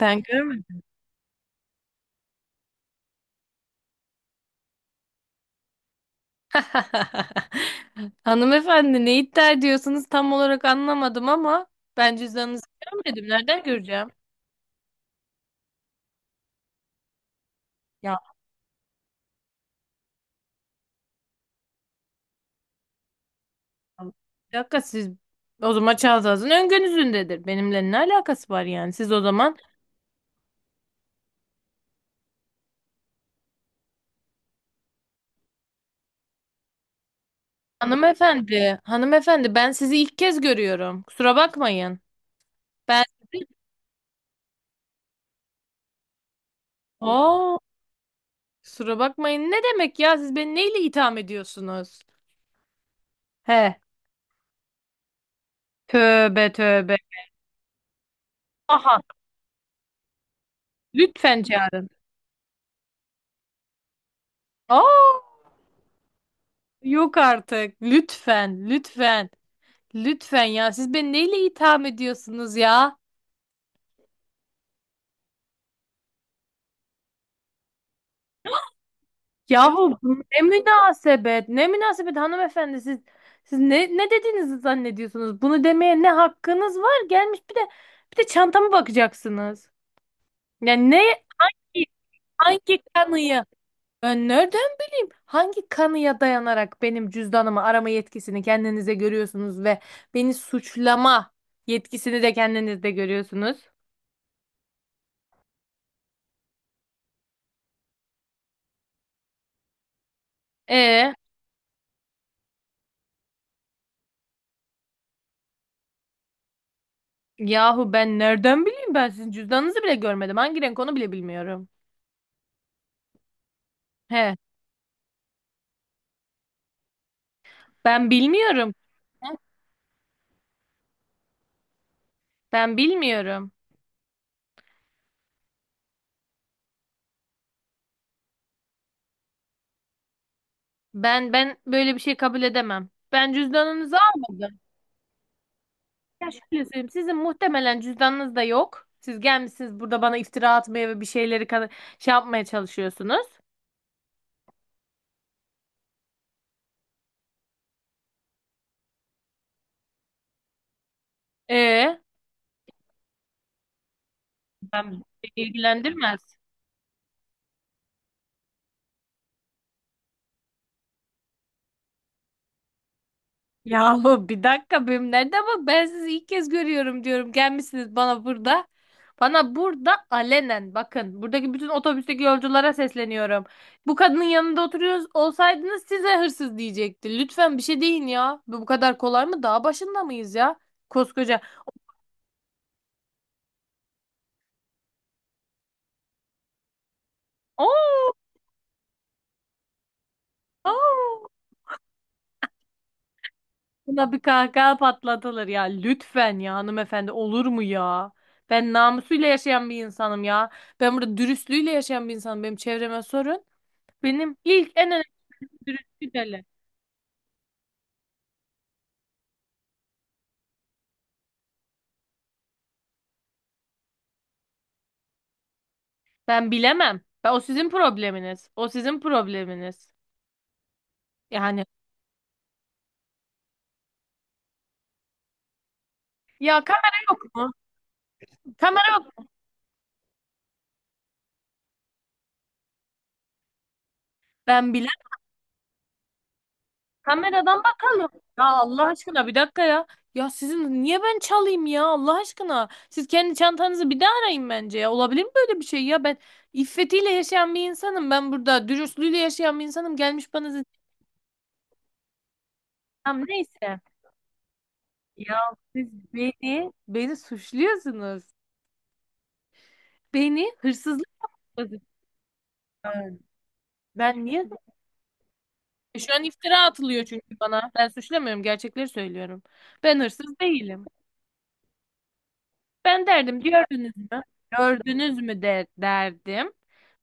Ben görmedim. Hanımefendi ne iddia ediyorsunuz tam olarak anlamadım ama ben cüzdanınızı görmedim. Nereden göreceğim? Ya bir dakika siz o zaman çantanızın ön gözündedir. Benimle ne alakası var yani? Siz o zaman hanımefendi, hanımefendi ben sizi ilk kez görüyorum. Kusura bakmayın. Ben sizi... Oo, kusura bakmayın. Ne demek ya? Siz beni neyle itham ediyorsunuz? He. Tövbe tövbe. Aha. Lütfen çağırın. Aa. Yok artık. Lütfen, lütfen, lütfen ya. Siz beni neyle itham ediyorsunuz ya? Yahu bu ne münasebet, ne münasebet hanımefendi siz ne dediğinizi zannediyorsunuz? Bunu demeye ne hakkınız var? Gelmiş bir de çantama bakacaksınız. Yani ne hangi kanıya? Ben nereden bileyim? Hangi kanıya dayanarak benim cüzdanımı arama yetkisini kendinize görüyorsunuz ve beni suçlama yetkisini de kendinizde görüyorsunuz? E Yahu ben nereden bileyim ben sizin cüzdanınızı bile görmedim. Hangi renk onu bile bilmiyorum. He, ben bilmiyorum. Ben bilmiyorum. Ben böyle bir şey kabul edemem. Ben cüzdanınızı almadım. Ya şöyle söyleyeyim, sizin muhtemelen cüzdanınız da yok. Siz gelmişsiniz burada bana iftira atmaya ve bir şeyleri şey yapmaya çalışıyorsunuz. E ben beni ilgilendirmez. Yahu bir dakika benim nerede bak ben sizi ilk kez görüyorum diyorum. Gelmişsiniz bana burada. Bana burada alenen bakın buradaki bütün otobüsteki yolculara sesleniyorum. Bu kadının yanında oturuyoruz olsaydınız size hırsız diyecekti. Lütfen bir şey deyin ya. Bu kadar kolay mı? Dağ başında mıyız ya? Koskoca. Oo, oo. Buna bir kahkaha patlatılır ya. Lütfen ya hanımefendi olur mu ya? Ben namusuyla yaşayan bir insanım ya. Ben burada dürüstlüğüyle yaşayan bir insanım. Benim çevreme sorun. Benim ilk en önemli dürüstlük hele. Ben bilemem. Ben, o sizin probleminiz. O sizin probleminiz. Yani ya kamera yok mu? Kamera yok mu? Ben bilemem. Kameradan bakalım. Ya Allah aşkına bir dakika ya. Ya sizin niye ben çalayım ya Allah aşkına? Siz kendi çantanızı bir daha arayın bence ya. Olabilir mi böyle bir şey ya? Ben iffetiyle yaşayan bir insanım. Ben burada dürüstlüğüyle yaşayan bir insanım. Gelmiş bana tamam neyse. Ya siz beni suçluyorsunuz. Beni hırsızlık ben niye? Şu an iftira atılıyor çünkü bana. Ben suçlamıyorum, gerçekleri söylüyorum. Ben hırsız değilim. Ben derdim, gördünüz mü? Gördünüz mü de derdim.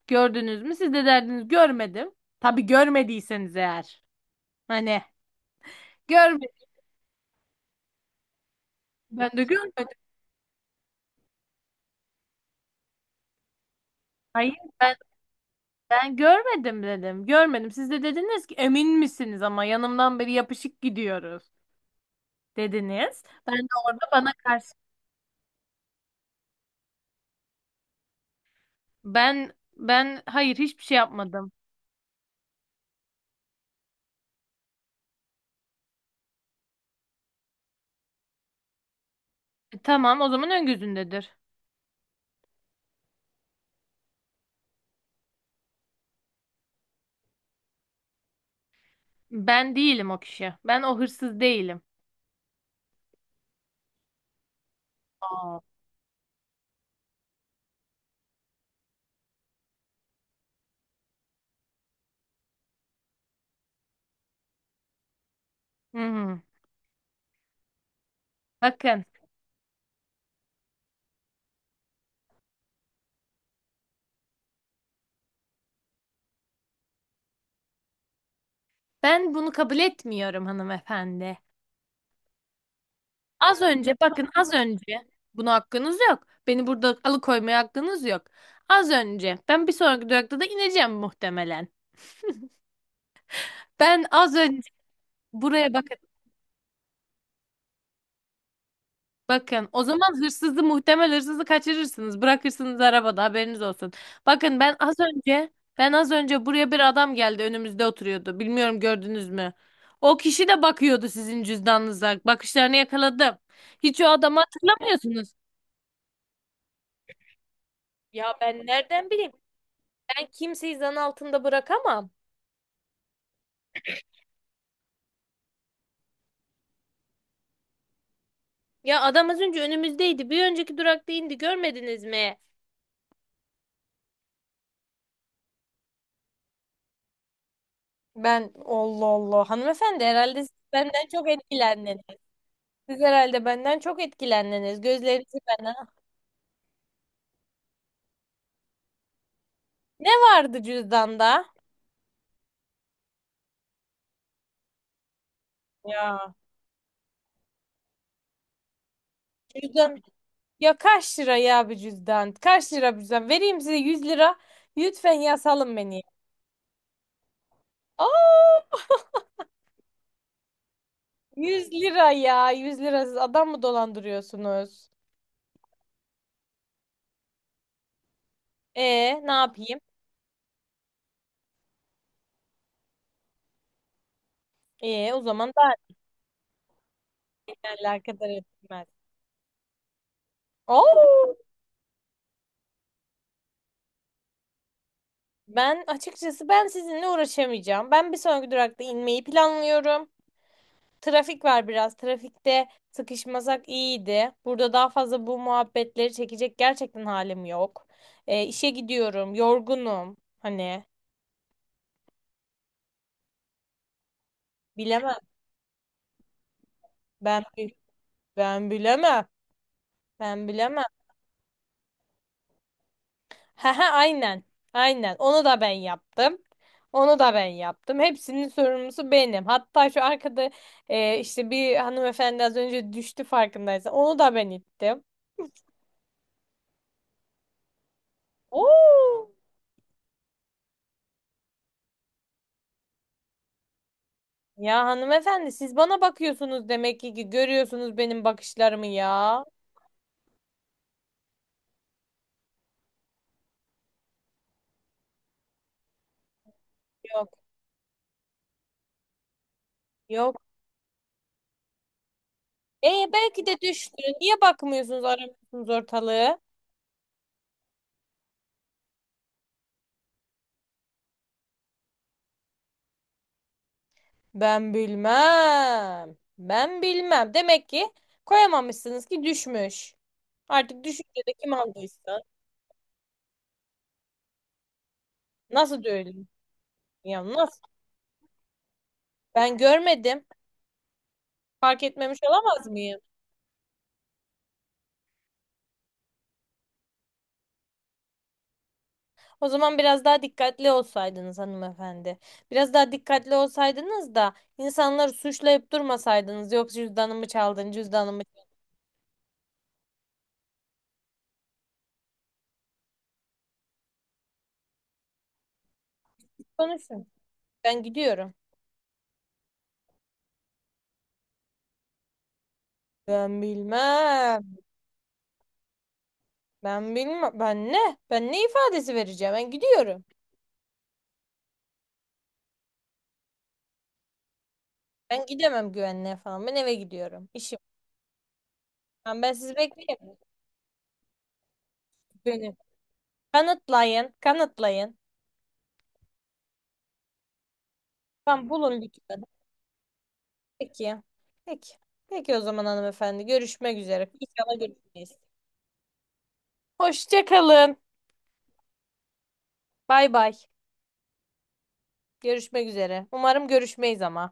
Gördünüz mü? Siz de derdiniz görmedim. Tabii görmediyseniz eğer. Hani görmedim. Ben de görmedim. Hayır ben ben görmedim dedim. Görmedim. Siz de dediniz ki emin misiniz ama yanımdan beri yapışık gidiyoruz dediniz. Ben de orada bana karşı ben hayır hiçbir şey yapmadım. Tamam o zaman ön gözündedir. Ben değilim o kişi. Ben o hırsız değilim. Aa. Hı hı. Bakın ben bunu kabul etmiyorum hanımefendi. Az önce bakın az önce buna hakkınız yok. Beni burada alıkoymaya hakkınız yok. Az önce ben bir sonraki durakta da ineceğim muhtemelen. Ben az önce buraya bakın. Bakın o zaman hırsızı muhtemel hırsızı kaçırırsınız. Bırakırsınız arabada haberiniz olsun. Bakın ben az önce buraya bir adam geldi önümüzde oturuyordu. Bilmiyorum gördünüz mü? O kişi de bakıyordu sizin cüzdanınıza. Bakışlarını yakaladım. Hiç o adamı hatırlamıyorsunuz. Ya ben nereden bileyim? Ben kimseyi zan altında bırakamam. Ya adam az önce önümüzdeydi. Bir önceki durakta indi. Görmediniz mi? Ben Allah Allah hanımefendi herhalde siz benden çok etkilendiniz. Siz herhalde benden çok etkilendiniz. Gözleriniz bana. Ne vardı cüzdanda? Ya. Cüzdan. Ya kaç lira ya bir cüzdan? Kaç lira bir cüzdan? Vereyim size 100 lira. Lütfen ya salın beni. Aa, 100 lira ya. 100 lira siz adam mı dolandırıyorsunuz? E ne yapayım? E o zaman daha ne alakadar etmez. Oo, ben açıkçası ben sizinle uğraşamayacağım. Ben bir sonraki durakta inmeyi planlıyorum. Trafik var biraz. Trafikte sıkışmasak iyiydi. Burada daha fazla bu muhabbetleri çekecek gerçekten halim yok. İşe gidiyorum. Yorgunum. Hani bilemem. Ben bi- ben bilemem. Ben bilemem. He he aynen. Aynen. Onu da ben yaptım. Onu da ben yaptım. Hepsinin sorumlusu benim. Hatta şu arkada işte bir hanımefendi az önce düştü farkındaysan. Onu da ben ittim. Oo! Ya hanımefendi siz bana bakıyorsunuz demek ki görüyorsunuz benim bakışlarımı ya. Yok yok. E belki de düştü. Niye bakmıyorsunuz aramıyorsunuz ortalığı? Ben bilmem. Ben bilmem. Demek ki koyamamışsınız ki düşmüş. Artık düşünce de kim aldıysa. Nasıl da öyle? Ya nasıl? Ben görmedim. Fark etmemiş olamaz mıyım? O zaman biraz daha dikkatli olsaydınız hanımefendi. Biraz daha dikkatli olsaydınız da insanları suçlayıp durmasaydınız. Yok cüzdanımı çaldın, cüzdanımı çaldın. Konuşun. Ben gidiyorum. Ben bilmem. Ben bilmem. Ben ne? Ben ne ifadesi vereceğim? Ben gidiyorum. Ben gidemem güvenliğe falan. Ben eve gidiyorum. İşim. Ben sizi bekleyemem. Benim. Kanıtlayın. Kanıtlayın. Tamam bulun lütfen. Peki. Peki. Peki o zaman hanımefendi. Görüşmek üzere. İnşallah görüşmeyiz. Hoşça kalın. Bay bay. Görüşmek üzere. Umarım görüşmeyiz ama.